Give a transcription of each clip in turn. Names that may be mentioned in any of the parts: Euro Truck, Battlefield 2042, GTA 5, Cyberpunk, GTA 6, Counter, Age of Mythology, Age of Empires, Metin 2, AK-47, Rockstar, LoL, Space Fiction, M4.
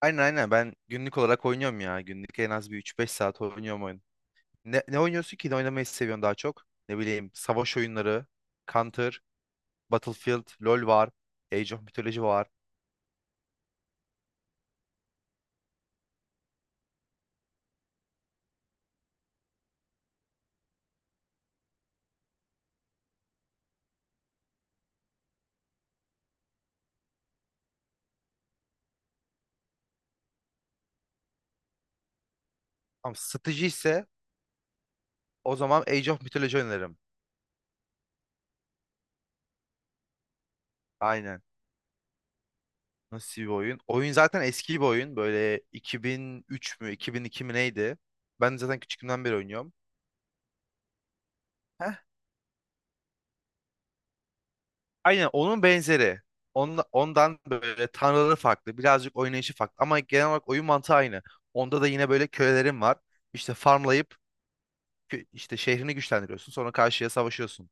Aynen aynen ben günlük olarak oynuyorum ya. Günlük en az bir üç beş saat oynuyorum oyun. Ne oynuyorsun ki? Ne oynamayı seviyorsun daha çok? Ne bileyim savaş oyunları, Counter, Battlefield, LoL var, Age of Mythology var. Ama strateji ise o zaman Age of Mythology oynarım. Aynen. Nasıl bir oyun? Oyun zaten eski bir oyun. Böyle 2003 mü 2002 mi neydi? Ben zaten küçüklüğümden beri oynuyorum. Heh, aynen onun benzeri. Ondan böyle tanrıları farklı. Birazcık oynayışı farklı. Ama genel olarak oyun mantığı aynı. Onda da yine böyle kölelerin var. İşte farmlayıp işte şehrini güçlendiriyorsun. Sonra karşıya savaşıyorsun.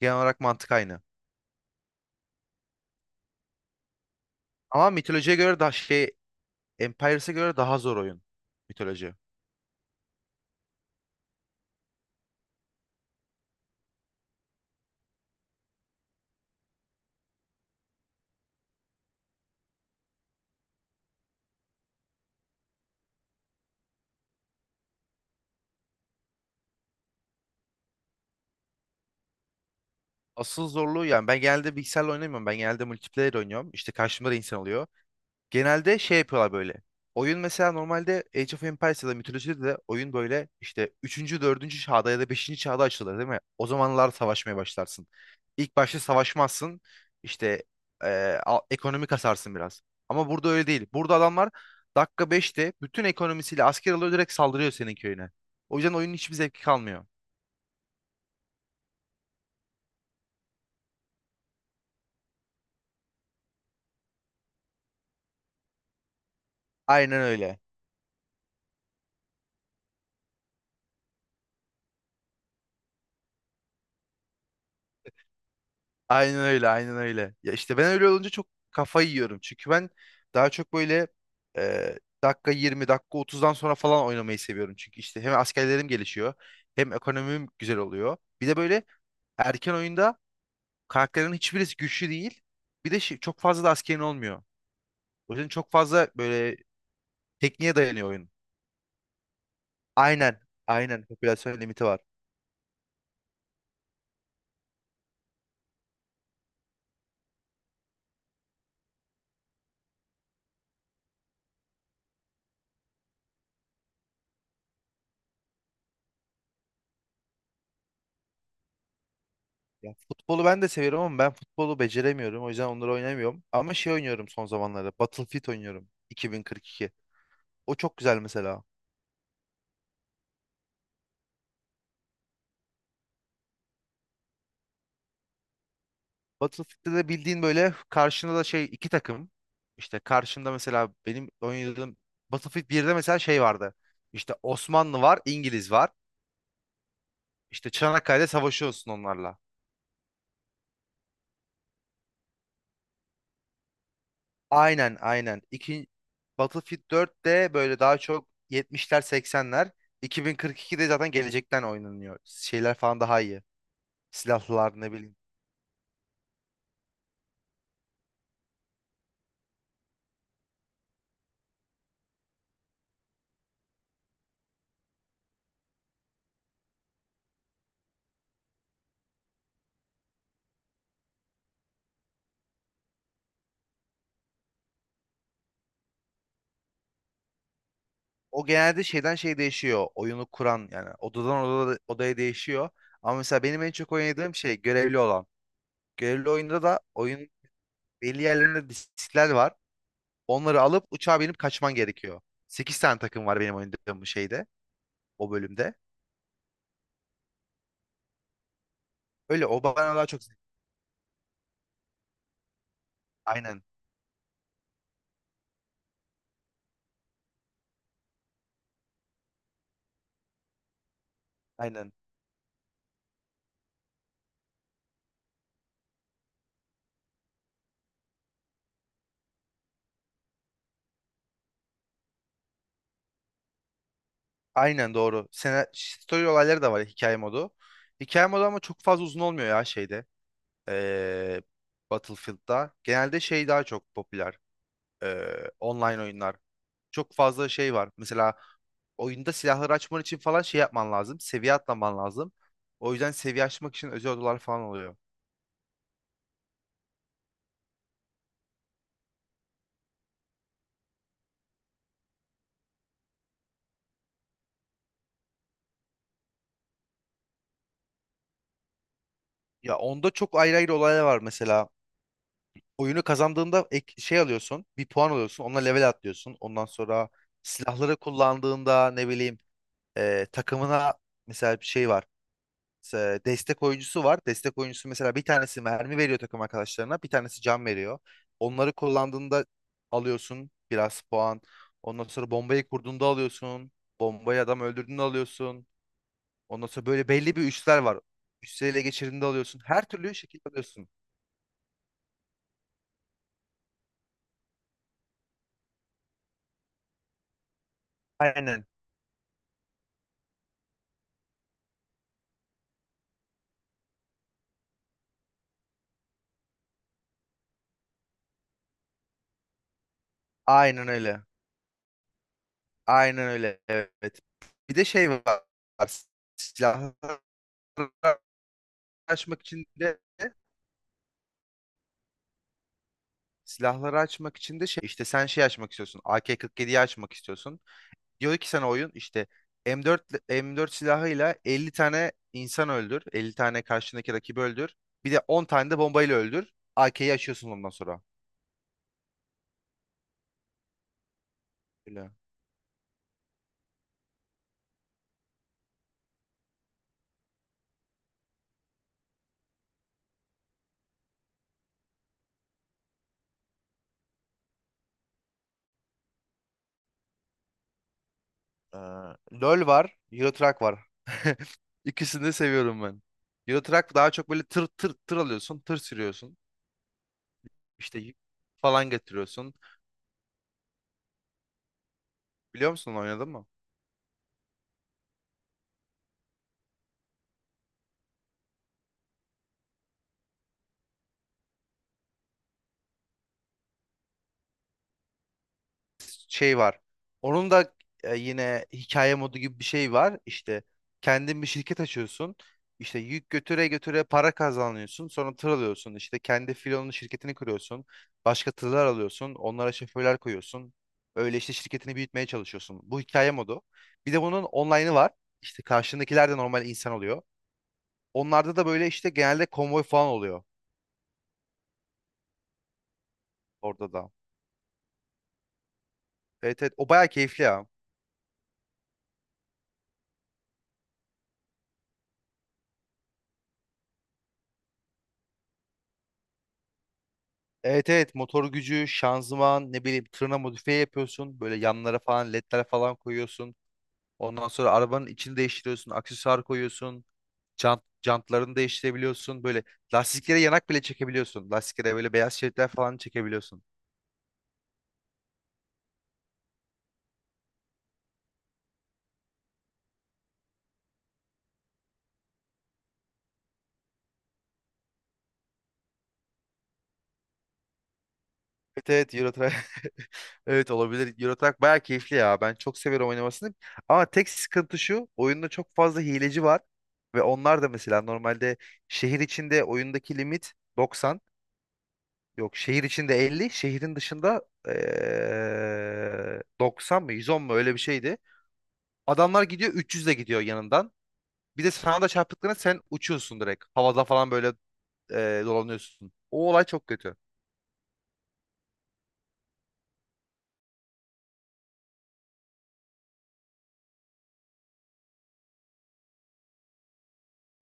Genel olarak mantık aynı. Ama mitolojiye göre daha şey Empires'e göre daha zor oyun. Mitoloji. Asıl zorluğu yani ben genelde bilgisayarla oynamıyorum. Ben genelde multiplayer oynuyorum. İşte karşımda da insan oluyor. Genelde şey yapıyorlar böyle. Oyun mesela normalde Age of Empires ya da mitolojide de oyun böyle işte üçüncü dördüncü çağda ya da beşinci çağda açılır değil mi? O zamanlar savaşmaya başlarsın. İlk başta savaşmazsın. İşte ekonomi kasarsın biraz. Ama burada öyle değil. Burada adamlar dakika 5'te bütün ekonomisiyle asker alıyor, direkt saldırıyor senin köyüne. O yüzden oyunun hiçbir zevki kalmıyor. Aynen öyle. Aynen öyle, aynen öyle. Ya işte ben öyle olunca çok kafayı yiyorum. Çünkü ben daha çok böyle dakika 20, dakika 30'dan sonra falan oynamayı seviyorum. Çünkü işte hem askerlerim gelişiyor, hem ekonomim güzel oluyor. Bir de böyle erken oyunda karakterlerin hiçbirisi güçlü değil. Bir de çok fazla da askerin olmuyor. O yüzden çok fazla böyle tekniğe dayanıyor oyun. Aynen, aynen. Popülasyon limiti var. Ya futbolu ben de seviyorum ama ben futbolu beceremiyorum. O yüzden onları oynamıyorum. Ama şey oynuyorum son zamanlarda. Battlefield oynuyorum. 2042. O çok güzel mesela. Battlefield'de de bildiğin böyle karşında da şey iki takım. İşte karşında mesela benim oynadığım Battlefield 1'de mesela şey vardı. İşte Osmanlı var, İngiliz var. İşte Çanakkale'de savaşıyorsun onlarla. Aynen aynen. Battlefield 4'te böyle daha çok 70'ler 80'ler. 2042'de zaten gelecekten oynanıyor. Şeyler falan daha iyi. Silahlar ne bileyim. O genelde şeyden şey değişiyor. Oyunu kuran yani odadan odaya değişiyor. Ama mesela benim en çok oynadığım şey görevli olan. Görevli oyunda da oyun belli yerlerinde diskler var. Onları alıp uçağa binip kaçman gerekiyor. 8 tane takım var benim oynadığım bu şeyde. O bölümde. Öyle o bana daha çok aynen. Aynen. Aynen doğru. Story olayları da var, hikaye modu. Hikaye modu ama çok fazla uzun olmuyor ya şeyde. Ee, Battlefield'da. Genelde şey daha çok popüler. Online oyunlar. Çok fazla şey var. Mesela oyunda silahları açman için falan şey yapman lazım. Seviye atlaman lazım. O yüzden seviye açmak için özel odalar falan oluyor. Ya onda çok ayrı ayrı olaylar var mesela. Oyunu kazandığında şey alıyorsun. Bir puan alıyorsun. Onunla level atlıyorsun. Ondan sonra silahları kullandığında ne bileyim takımına mesela bir şey var. E, destek oyuncusu var. Destek oyuncusu mesela bir tanesi mermi veriyor takım arkadaşlarına, bir tanesi can veriyor. Onları kullandığında alıyorsun biraz puan. Ondan sonra bombayı kurduğunda alıyorsun. Bombayı adam öldürdüğünde alıyorsun. Ondan sonra böyle belli bir üsler var. Üstleri ele geçirdiğinde alıyorsun. Her türlü şekilde alıyorsun. Aynen. Aynen öyle. Aynen öyle. Evet. Bir de şey var. Silahları açmak için de Silahları açmak için de şey işte sen şey açmak istiyorsun. AK-47'yi açmak istiyorsun. Diyor ki sana oyun işte M4 M4 silahıyla 50 tane insan öldür. 50 tane karşındaki rakibi öldür. Bir de 10 tane de bombayla öldür. AK'yi açıyorsun ondan sonra. Öyle. Ee, LoL var, Euro Truck var. İkisini de seviyorum ben. Euro Truck daha çok böyle tır tır tır alıyorsun, tır sürüyorsun. İşte yük falan getiriyorsun. Biliyor musun, oynadın mı? Şey var. Onun da yine hikaye modu gibi bir şey var. İşte kendin bir şirket açıyorsun. İşte yük götüre götüre para kazanıyorsun. Sonra tır alıyorsun. İşte kendi filonun şirketini kuruyorsun. Başka tırlar alıyorsun. Onlara şoförler koyuyorsun. Öyle işte şirketini büyütmeye çalışıyorsun. Bu hikaye modu. Bir de bunun online'ı var. İşte karşındakiler de normal insan oluyor. Onlarda da böyle işte genelde konvoy falan oluyor orada da. Evet evet, o bayağı keyifli ya. Evet evet, motor gücü, şanzıman, ne bileyim, tırna modifiye yapıyorsun. Böyle yanlara falan ledler falan koyuyorsun. Ondan sonra arabanın içini değiştiriyorsun. Aksesuar koyuyorsun. Jantlarını değiştirebiliyorsun. Böyle lastiklere yanak bile çekebiliyorsun. Lastiklere böyle beyaz şeritler falan çekebiliyorsun. Evet evet, Euro Truck. Evet olabilir. Euro Truck bayağı keyifli ya. Ben çok seviyorum oynamasını. Ama tek sıkıntı şu. Oyunda çok fazla hileci var. Ve onlar da mesela normalde şehir içinde oyundaki limit 90. Yok, şehir içinde 50, şehrin dışında 90 mı 110 mu öyle bir şeydi. Adamlar gidiyor 300 de gidiyor yanından. Bir de sana da çarptıklarına sen uçuyorsun direkt. Havada falan böyle dolanıyorsun. O olay çok kötü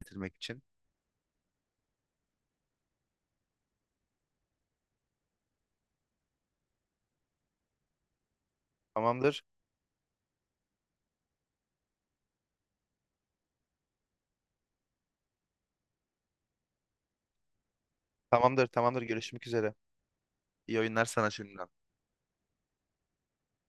bitirmek için. Tamamdır. Tamamdır. Tamamdır. Görüşmek üzere. İyi oyunlar sana şimdiden.